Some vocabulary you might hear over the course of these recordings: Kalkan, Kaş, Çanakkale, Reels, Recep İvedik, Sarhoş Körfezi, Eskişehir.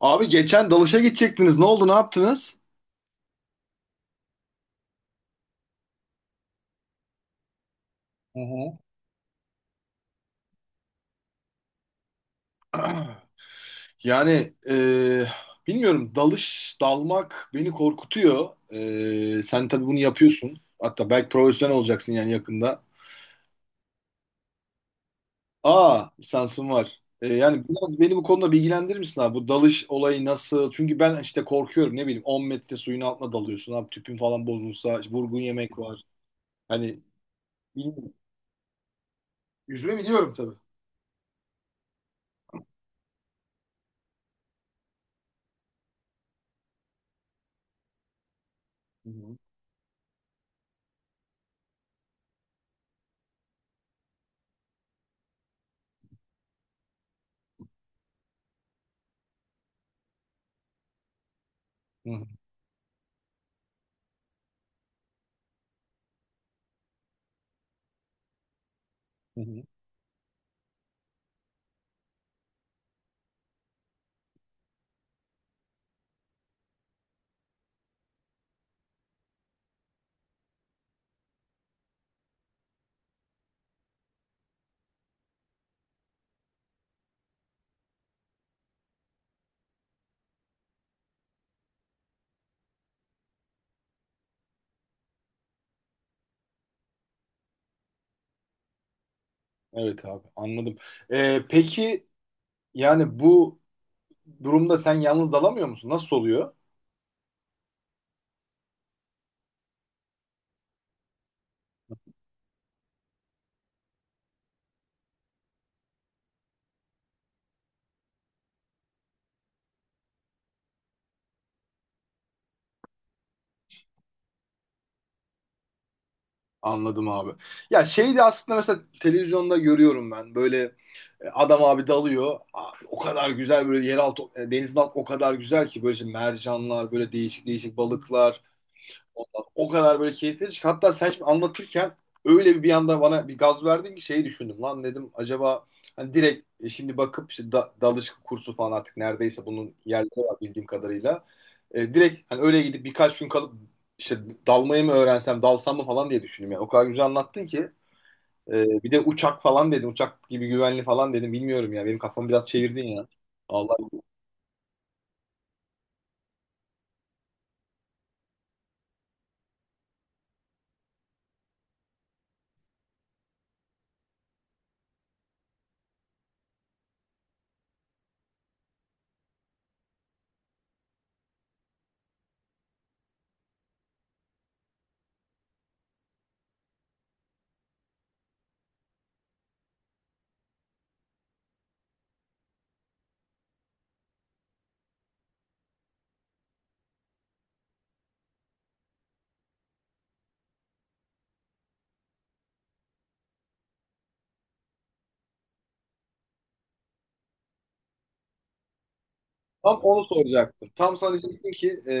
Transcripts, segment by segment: Abi geçen dalışa gidecektiniz. Ne oldu? Ne yaptınız? Hı hı. Yani bilmiyorum. Dalış, dalmak beni korkutuyor. Sen tabii bunu yapıyorsun. Hatta belki profesyonel olacaksın yani yakında. Aa, lisansın var. Yani biraz beni bu konuda bilgilendirir misin abi? Bu dalış olayı nasıl? Çünkü ben işte korkuyorum. Ne bileyim 10 metre suyun altına dalıyorsun. Abi tüpün falan bozulsa, işte vurgun yemek var. Hani bilmiyorum. Yüzme biliyorum tabii. Hı hı. Hı hı. Hı hı. Evet abi anladım. Peki yani bu durumda sen yalnız dalamıyor musun? Nasıl oluyor? Anladım abi. Ya şey de aslında mesela televizyonda görüyorum ben böyle adam abi dalıyor. Aa, o kadar güzel böyle yeraltı, denizin altı o kadar güzel ki böyle işte mercanlar böyle değişik değişik balıklar. O kadar böyle keyifli. Hatta sen şimdi anlatırken öyle bir anda bana bir gaz verdin ki şeyi düşündüm. Lan dedim acaba hani direkt, şimdi bakıp işte dalış kursu falan artık neredeyse bunun yerleri var bildiğim kadarıyla. Direkt hani öyle gidip birkaç gün kalıp işte dalmayı mı öğrensem, dalsam mı falan diye düşündüm. Yani o kadar güzel anlattın ki. E, Bir de uçak falan dedim. Uçak gibi güvenli falan dedim. Bilmiyorum ya. Benim kafamı biraz çevirdin ya. Allah. Tam onu soracaktım. Tam sana diyecektim ki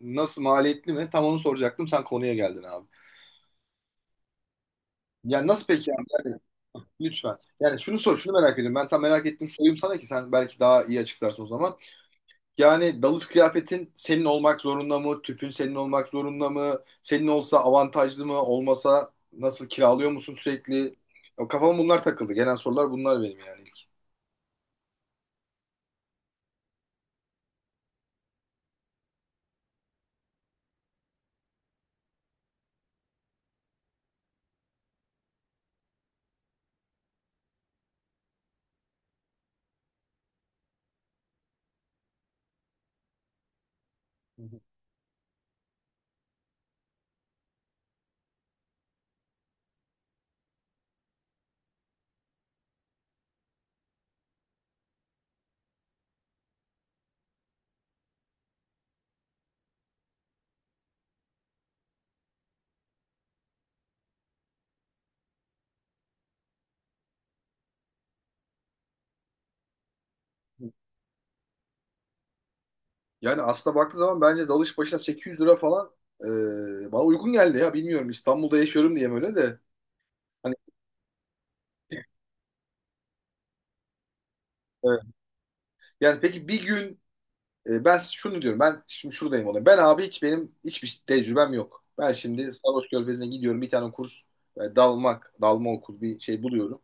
nasıl, maliyetli mi? Tam onu soracaktım. Sen konuya geldin abi. Yani nasıl peki abi? Yani lütfen. Yani şunu sor, şunu merak ediyorum. Ben tam merak ettim sorayım sana ki sen belki daha iyi açıklarsın o zaman. Yani dalış kıyafetin senin olmak zorunda mı? Tüpün senin olmak zorunda mı? Senin olsa avantajlı mı? Olmasa nasıl, kiralıyor musun sürekli? Ya, kafama bunlar takıldı. Gelen sorular bunlar benim yani ilk. Hı hı. Yani aslında baktığı zaman bence dalış başına 800 lira falan bana uygun geldi ya. Bilmiyorum, İstanbul'da yaşıyorum diye mi öyle de. Hani. Evet. Yani peki bir gün ben şunu diyorum. Ben şimdi şuradayım olayım. Ben abi hiç, benim hiçbir tecrübem yok. Ben şimdi Sarhoş Körfezi'ne gidiyorum. Bir tane kurs, dalma okul bir şey buluyorum.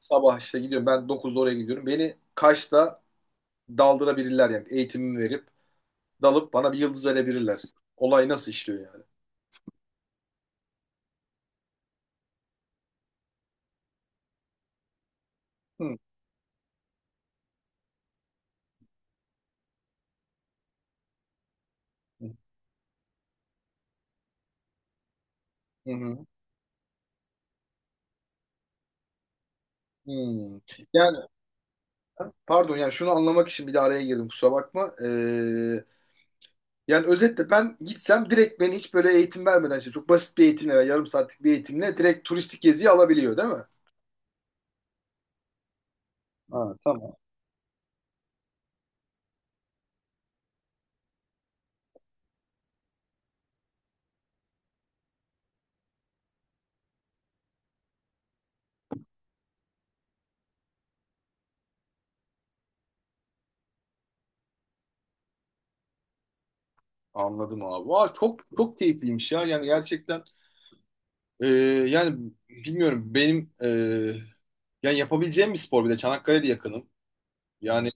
Sabah işte gidiyorum. Ben 9'da oraya gidiyorum. Beni Kaş'ta daldırabilirler yani, eğitimimi verip dalıp bana bir yıldız verebilirler. Olay nasıl işliyor yani? Hı hı. Hı hı. Yani, pardon, yani şunu anlamak için bir de araya girdim, kusura bakma. Yani özetle ben gitsem direkt beni hiç böyle eğitim vermeden, işte çok basit bir eğitimle veya yarım saatlik bir eğitimle direkt turistik geziyi alabiliyor değil mi? Ha, tamam. Anladım abi. Vay, çok çok keyifliymiş ya. Yani gerçekten ee, yani bilmiyorum benim yani yapabileceğim bir spor, bir de Çanakkale'de yakınım. Yani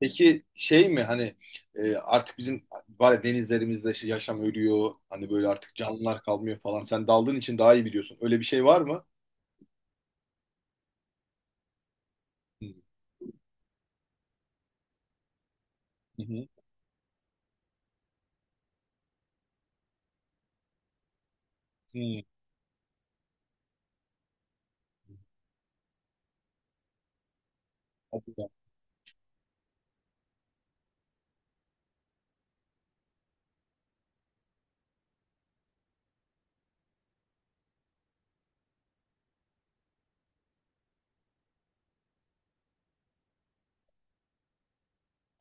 peki, şey mi hani artık bizim, var ya, denizlerimizde işte yaşam ölüyor. Hani böyle artık canlılar kalmıyor falan. Sen daldığın için daha iyi biliyorsun. Öyle bir şey var mı? Hı hı. Hı. Hadi ya.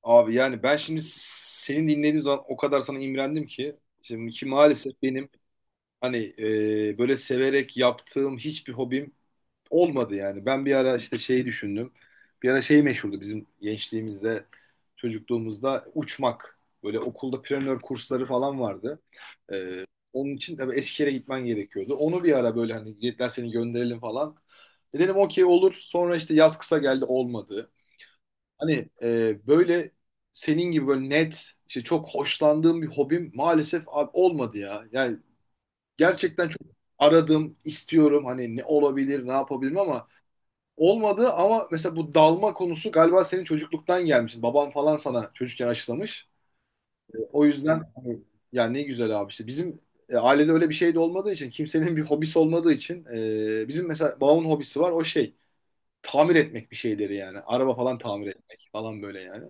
Abi yani ben şimdi seni dinlediğim zaman o kadar sana imrendim ki. Şimdi ki maalesef benim hani böyle severek yaptığım hiçbir hobim olmadı yani. Ben bir ara işte şeyi düşündüm. Bir ara şey meşhurdu bizim gençliğimizde, çocukluğumuzda: uçmak. Böyle okulda planör kursları falan vardı. Ee, Onun için tabii Eskişehir'e gitmen gerekiyordu. Onu bir ara böyle hani dediler, seni gönderelim falan. Dedim okey, olur. Sonra işte yaz kısa geldi, olmadı. Hani böyle senin gibi böyle net, işte çok hoşlandığım bir hobim maalesef abi olmadı ya. Yani gerçekten çok aradım, istiyorum hani ne olabilir, ne yapabilirim, ama olmadı. Ama mesela bu dalma konusu galiba senin çocukluktan gelmiş. Baban falan sana çocukken aşılamış. O yüzden hani, ya ne güzel abi, işte bizim ailede öyle bir şey de olmadığı için, kimsenin bir hobisi olmadığı için, bizim mesela babamın hobisi var, o şey, tamir etmek bir şeyleri yani. Araba falan tamir etmek falan, böyle yani.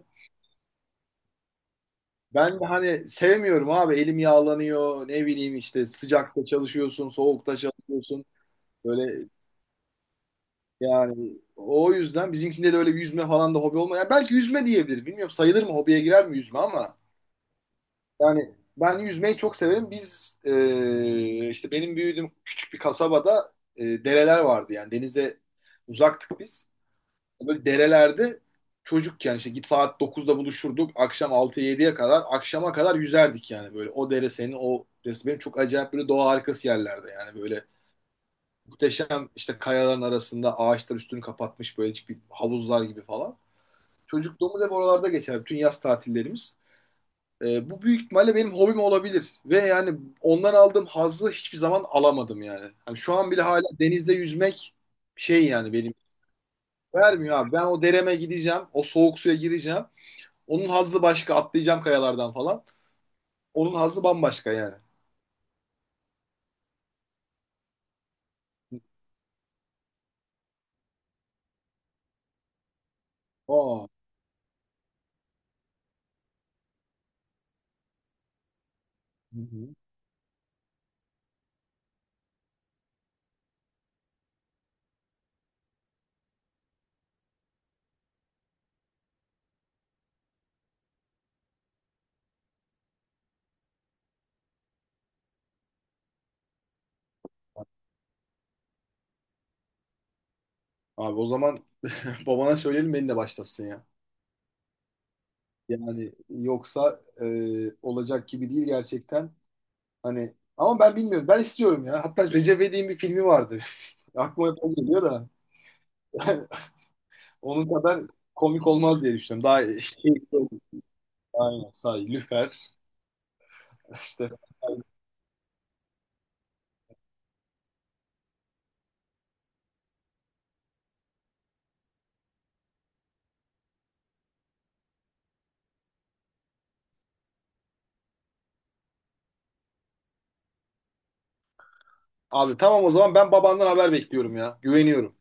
Ben de hani sevmiyorum abi, elim yağlanıyor, ne bileyim işte sıcakta çalışıyorsun, soğukta çalışıyorsun. Böyle. Yani o yüzden bizimkinde de öyle, bir yüzme falan da hobi olmuyor. Yani belki yüzme diyebilir. Bilmiyorum, sayılır mı, hobiye girer mi yüzme, ama yani ben yüzmeyi çok severim. Biz işte benim büyüdüğüm küçük bir kasabada dereler vardı yani, denize uzaktık biz. Böyle derelerde çocukken işte git saat 9'da buluşurduk. Akşam altı 7ye kadar, akşama kadar yüzerdik yani böyle. O dere senin o resmen çok acayip, böyle doğa harikası yerlerde yani böyle. Muhteşem, işte kayaların arasında ağaçlar üstünü kapatmış, böyle hiçbir, havuzlar gibi falan. Çocukluğumuz hep oralarda geçer. Bütün yaz tatillerimiz. Bu büyük ihtimalle benim hobim olabilir. Ve yani ondan aldığım hazzı hiçbir zaman alamadım yani. Hani şu an bile hala denizde yüzmek şey yani benim. Vermiyor abi. Ben o dereme gideceğim. O soğuk suya gireceğim. Onun hazzı başka. Atlayacağım kayalardan falan. Onun hazzı bambaşka yani. Aa. Hı hı. Abi o zaman babana söyleyelim, beni de başlasın ya. Yani yoksa olacak gibi değil gerçekten. Hani ama ben bilmiyorum. Ben istiyorum ya. Hatta Recep İvedik'in bir filmi vardı. Aklıma hep o geliyor da. Onun kadar komik olmaz diye düşünüyorum. Daha keyifli olur. Aynen. Say, lüfer. İşte. Abi tamam, o zaman ben babandan haber bekliyorum ya. Güveniyorum.